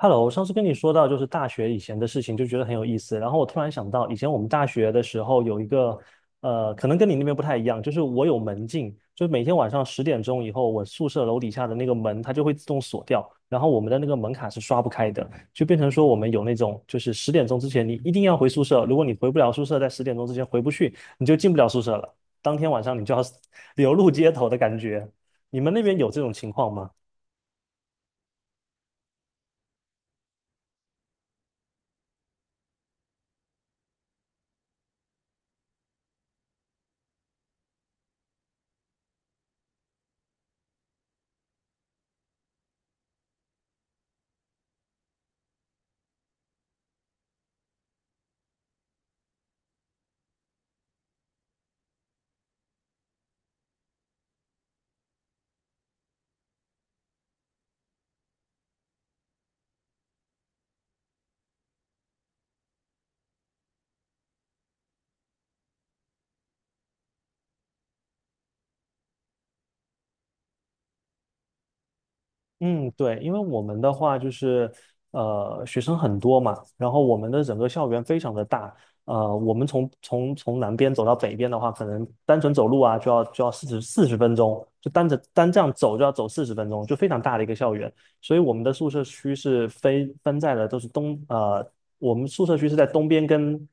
Hello，我上次跟你说到就是大学以前的事情，就觉得很有意思。然后我突然想到，以前我们大学的时候有一个，可能跟你那边不太一样，就是我有门禁，就是每天晚上十点钟以后，我宿舍楼底下的那个门它就会自动锁掉，然后我们的那个门卡是刷不开的，就变成说我们有那种就是十点钟之前你一定要回宿舍，如果你回不了宿舍，在十点钟之前回不去，你就进不了宿舍了，当天晚上你就要 流露街头的感觉。你们那边有这种情况吗？嗯，对，因为我们的话就是，学生很多嘛，然后我们的整个校园非常的大，我们从南边走到北边的话，可能单纯走路啊，就要四十分钟，就单着单这样走就要走四十分钟，就非常大的一个校园，所以我们的宿舍区是分在了都是东，我们宿舍区是在东边跟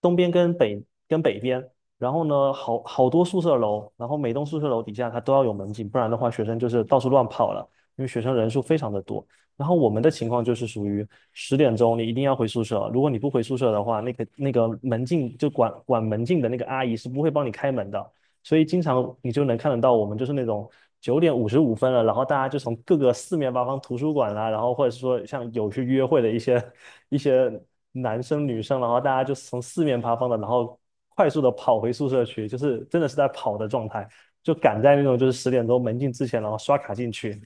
东边跟北边。然后呢，好多宿舍楼，然后每栋宿舍楼底下它都要有门禁，不然的话学生就是到处乱跑了。因为学生人数非常的多。然后我们的情况就是属于十点钟你一定要回宿舍，如果你不回宿舍的话，那个门禁就管门禁的那个阿姨是不会帮你开门的，所以经常你就能看得到我们就是那种9:55了，然后大家就从各个四面八方图书馆啦，然后或者是说像有去约会的一些男生女生，然后大家就从四面八方的，然后快速的跑回宿舍去，就是真的是在跑的状态，就赶在那种就是十点钟门禁之前，然后刷卡进去。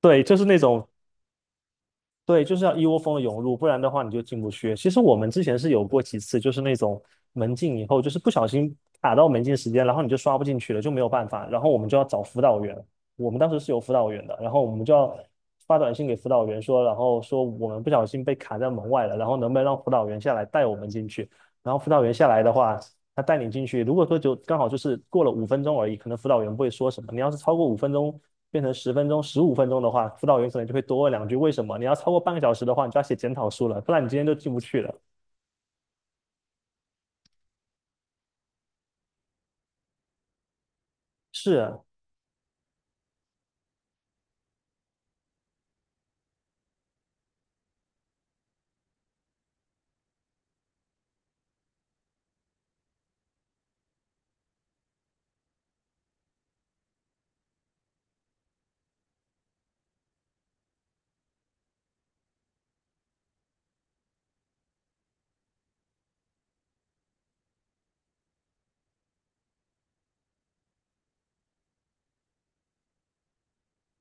对，就是那种，对，就是要一窝蜂的涌入，不然的话你就进不去。其实我们之前是有过几次，就是那种门禁以后，就是不小心卡到门禁时间，然后你就刷不进去了，就没有办法，然后我们就要找辅导员。我们当时是有辅导员的，然后我们就要发短信给辅导员说，然后说我们不小心被卡在门外了，然后能不能让辅导员下来带我们进去？然后辅导员下来的话，他带你进去，如果说就刚好就是过了五分钟而已，可能辅导员不会说什么。你要是超过五分钟变成十分钟、15分钟的话，辅导员可能就会多问两句为什么。你要超过半个小时的话，你就要写检讨书了，不然你今天就进不去了。是啊，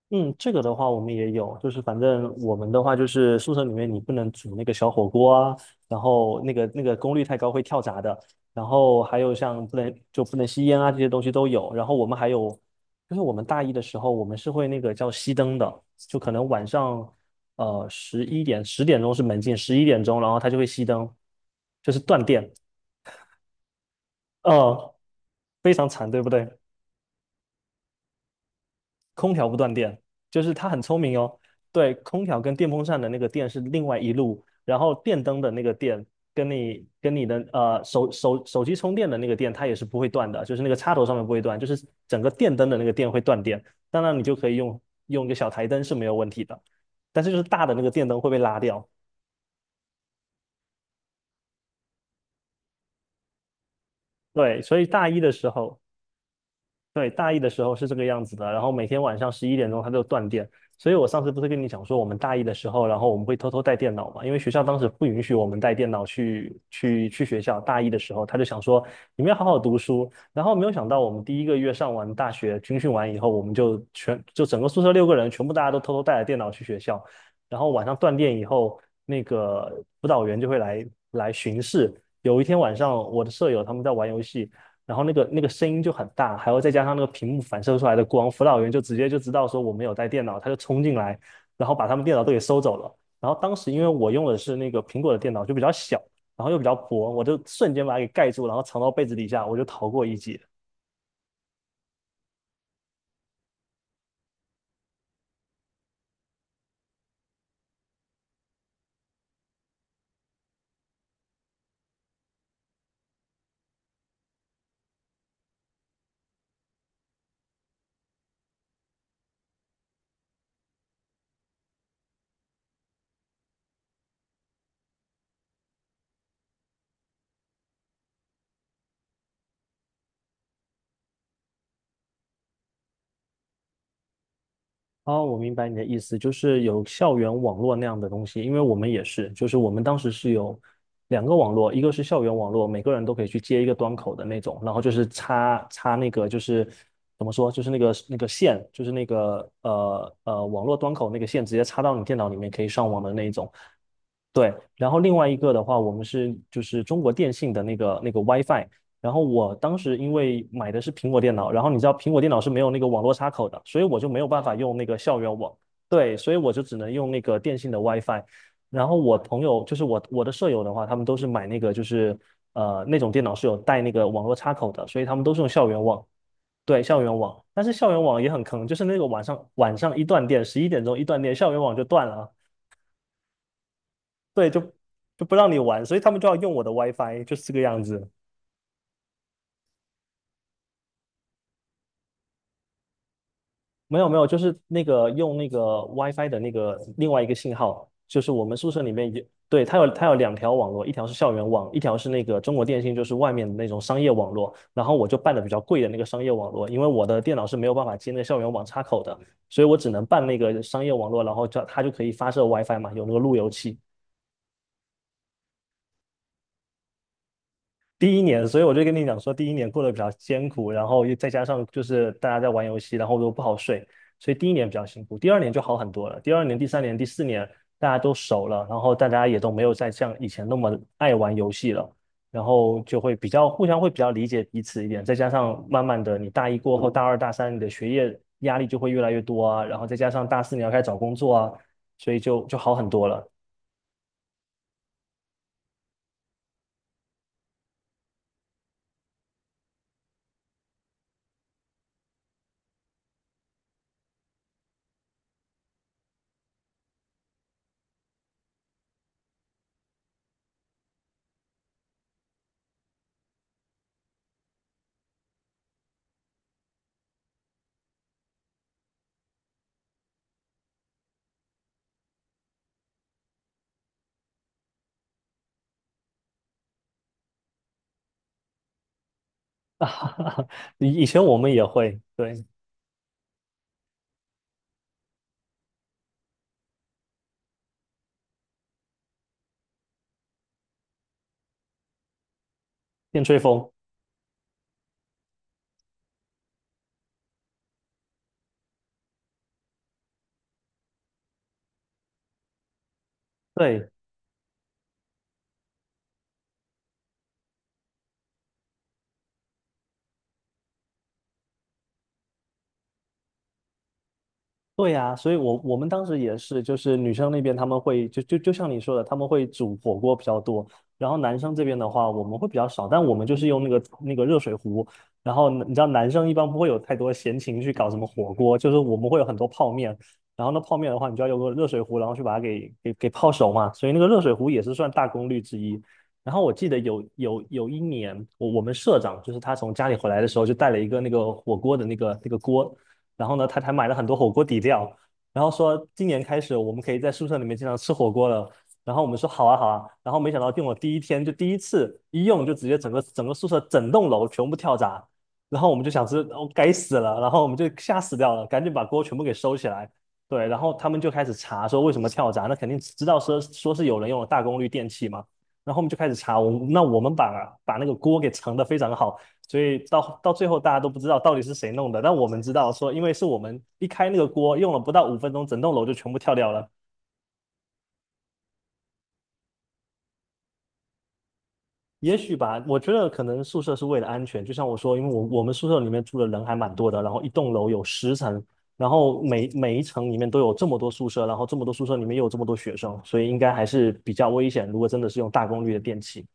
嗯，这个的话我们也有，就是反正我们的话就是宿舍里面你不能煮那个小火锅啊，然后那个功率太高会跳闸的，然后还有像不能吸烟啊这些东西都有，然后我们还有就是我们大一的时候我们是会那个叫熄灯的，就可能晚上十点钟是门禁，十一点钟然后它就会熄灯，就是断电，呃，非常惨，对不对？空调不断电，就是它很聪明哦。对，空调跟电风扇的那个电是另外一路，然后电灯的那个电跟你的手机充电的那个电，它也是不会断的，就是那个插头上面不会断，就是整个电灯的那个电会断电。当然，你就可以用一个小台灯是没有问题的，但是就是大的那个电灯会被拉掉。对，所以大一的时候。对，大一的时候是这个样子的，然后每天晚上十一点钟它就断电，所以我上次不是跟你讲说，我们大一的时候，然后我们会偷偷带电脑嘛，因为学校当时不允许我们带电脑去学校。大一的时候，他就想说你们要好好读书，然后没有想到我们第一个月上完大学军训完以后，我们就全就整个宿舍6个人全部大家都偷偷带着电脑去学校，然后晚上断电以后，那个辅导员就会来巡视。有一天晚上，我的舍友他们在玩游戏。然后那个声音就很大，还有再加上那个屏幕反射出来的光，辅导员就直接就知道说我没有带电脑，他就冲进来，然后把他们电脑都给收走了。然后当时因为我用的是那个苹果的电脑，就比较小，然后又比较薄，我就瞬间把它给盖住，然后藏到被子底下，我就逃过一劫。哦，我明白你的意思，就是有校园网络那样的东西，因为我们也是，就是我们当时是有2个网络，一个是校园网络，每个人都可以去接一个端口的那种，然后就是插那个就是怎么说，就是那个线，就是那个网络端口那个线直接插到你电脑里面可以上网的那一种。对，然后另外一个的话，我们是就是中国电信的那个 WiFi，然后我当时因为买的是苹果电脑，然后你知道苹果电脑是没有那个网络插口的，所以我就没有办法用那个校园网，对，所以我就只能用那个电信的 WiFi。然后我朋友就是我的舍友的话，他们都是买那个就是那种电脑是有带那个网络插口的，所以他们都是用校园网，对，校园网。但是校园网也很坑，就是那个晚上一断电，十一点钟一断电，校园网就断了啊，对，就不让你玩，所以他们就要用我的 WiFi，就是这个样子。没有没有，就是那个用那个 WiFi 的那个另外一个信号，就是我们宿舍里面有，对，它有2条网络，一条是校园网，一条是那个中国电信，就是外面的那种商业网络。然后我就办的比较贵的那个商业网络，因为我的电脑是没有办法接那个校园网插口的，所以我只能办那个商业网络，然后就它就可以发射 WiFi 嘛，有那个路由器。第一年，所以我就跟你讲说，第一年过得比较艰苦，然后又再加上就是大家在玩游戏，然后又不好睡，所以第一年比较辛苦。第二年就好很多了，第二年、第三年、第四年大家都熟了，然后大家也都没有再像以前那么爱玩游戏了，然后就会比较互相会比较理解彼此一点。再加上慢慢的，你大一过后，大二、大三你的学业压力就会越来越多啊，然后再加上大四你要开始找工作啊，所以就好很多了。以前我们也会，对，电吹风。对，对呀，所以我们当时也是，就是女生那边他们会就像你说的，他们会煮火锅比较多，然后男生这边的话我们会比较少，但我们就是用那个热水壶，然后你知道男生一般不会有太多闲情去搞什么火锅，就是我们会有很多泡面，然后那泡面的话你就要用个热水壶，然后去把它给泡熟嘛，所以那个热水壶也是算大功率之一。然后我记得有一年，我们社长就是他从家里回来的时候，就带了一个那个火锅的那个锅，然后呢，他还买了很多火锅底料，然后说今年开始我们可以在宿舍里面经常吃火锅了。然后我们说好啊好啊，然后没想到订了第一天就第一次一用就直接整个宿舍整栋楼全部跳闸，然后我们就想是哦该死了，然后我们就吓死掉了，赶紧把锅全部给收起来。对，然后他们就开始查说为什么跳闸，那肯定知道说是有人用了大功率电器嘛，然后我们就开始查，我们把那个锅给盛的非常好，所以到最后大家都不知道到底是谁弄的，但我们知道说，因为是我们一开那个锅，用了不到五分钟，整栋楼就全部跳掉了。也许吧，我觉得可能宿舍是为了安全，就像我说，因为我们宿舍里面住的人还蛮多的，然后一栋楼有10层，然后每一层里面都有这么多宿舍，然后这么多宿舍里面又有这么多学生，所以应该还是比较危险。如果真的是用大功率的电器，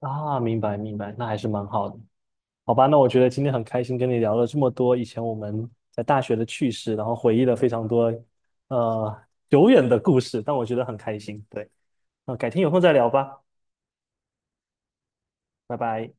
啊，明白明白，那还是蛮好的。好吧，那我觉得今天很开心跟你聊了这么多以前我们在大学的趣事，然后回忆了非常多呃久远的故事，但我觉得很开心。对，那改天有空再聊吧，拜拜。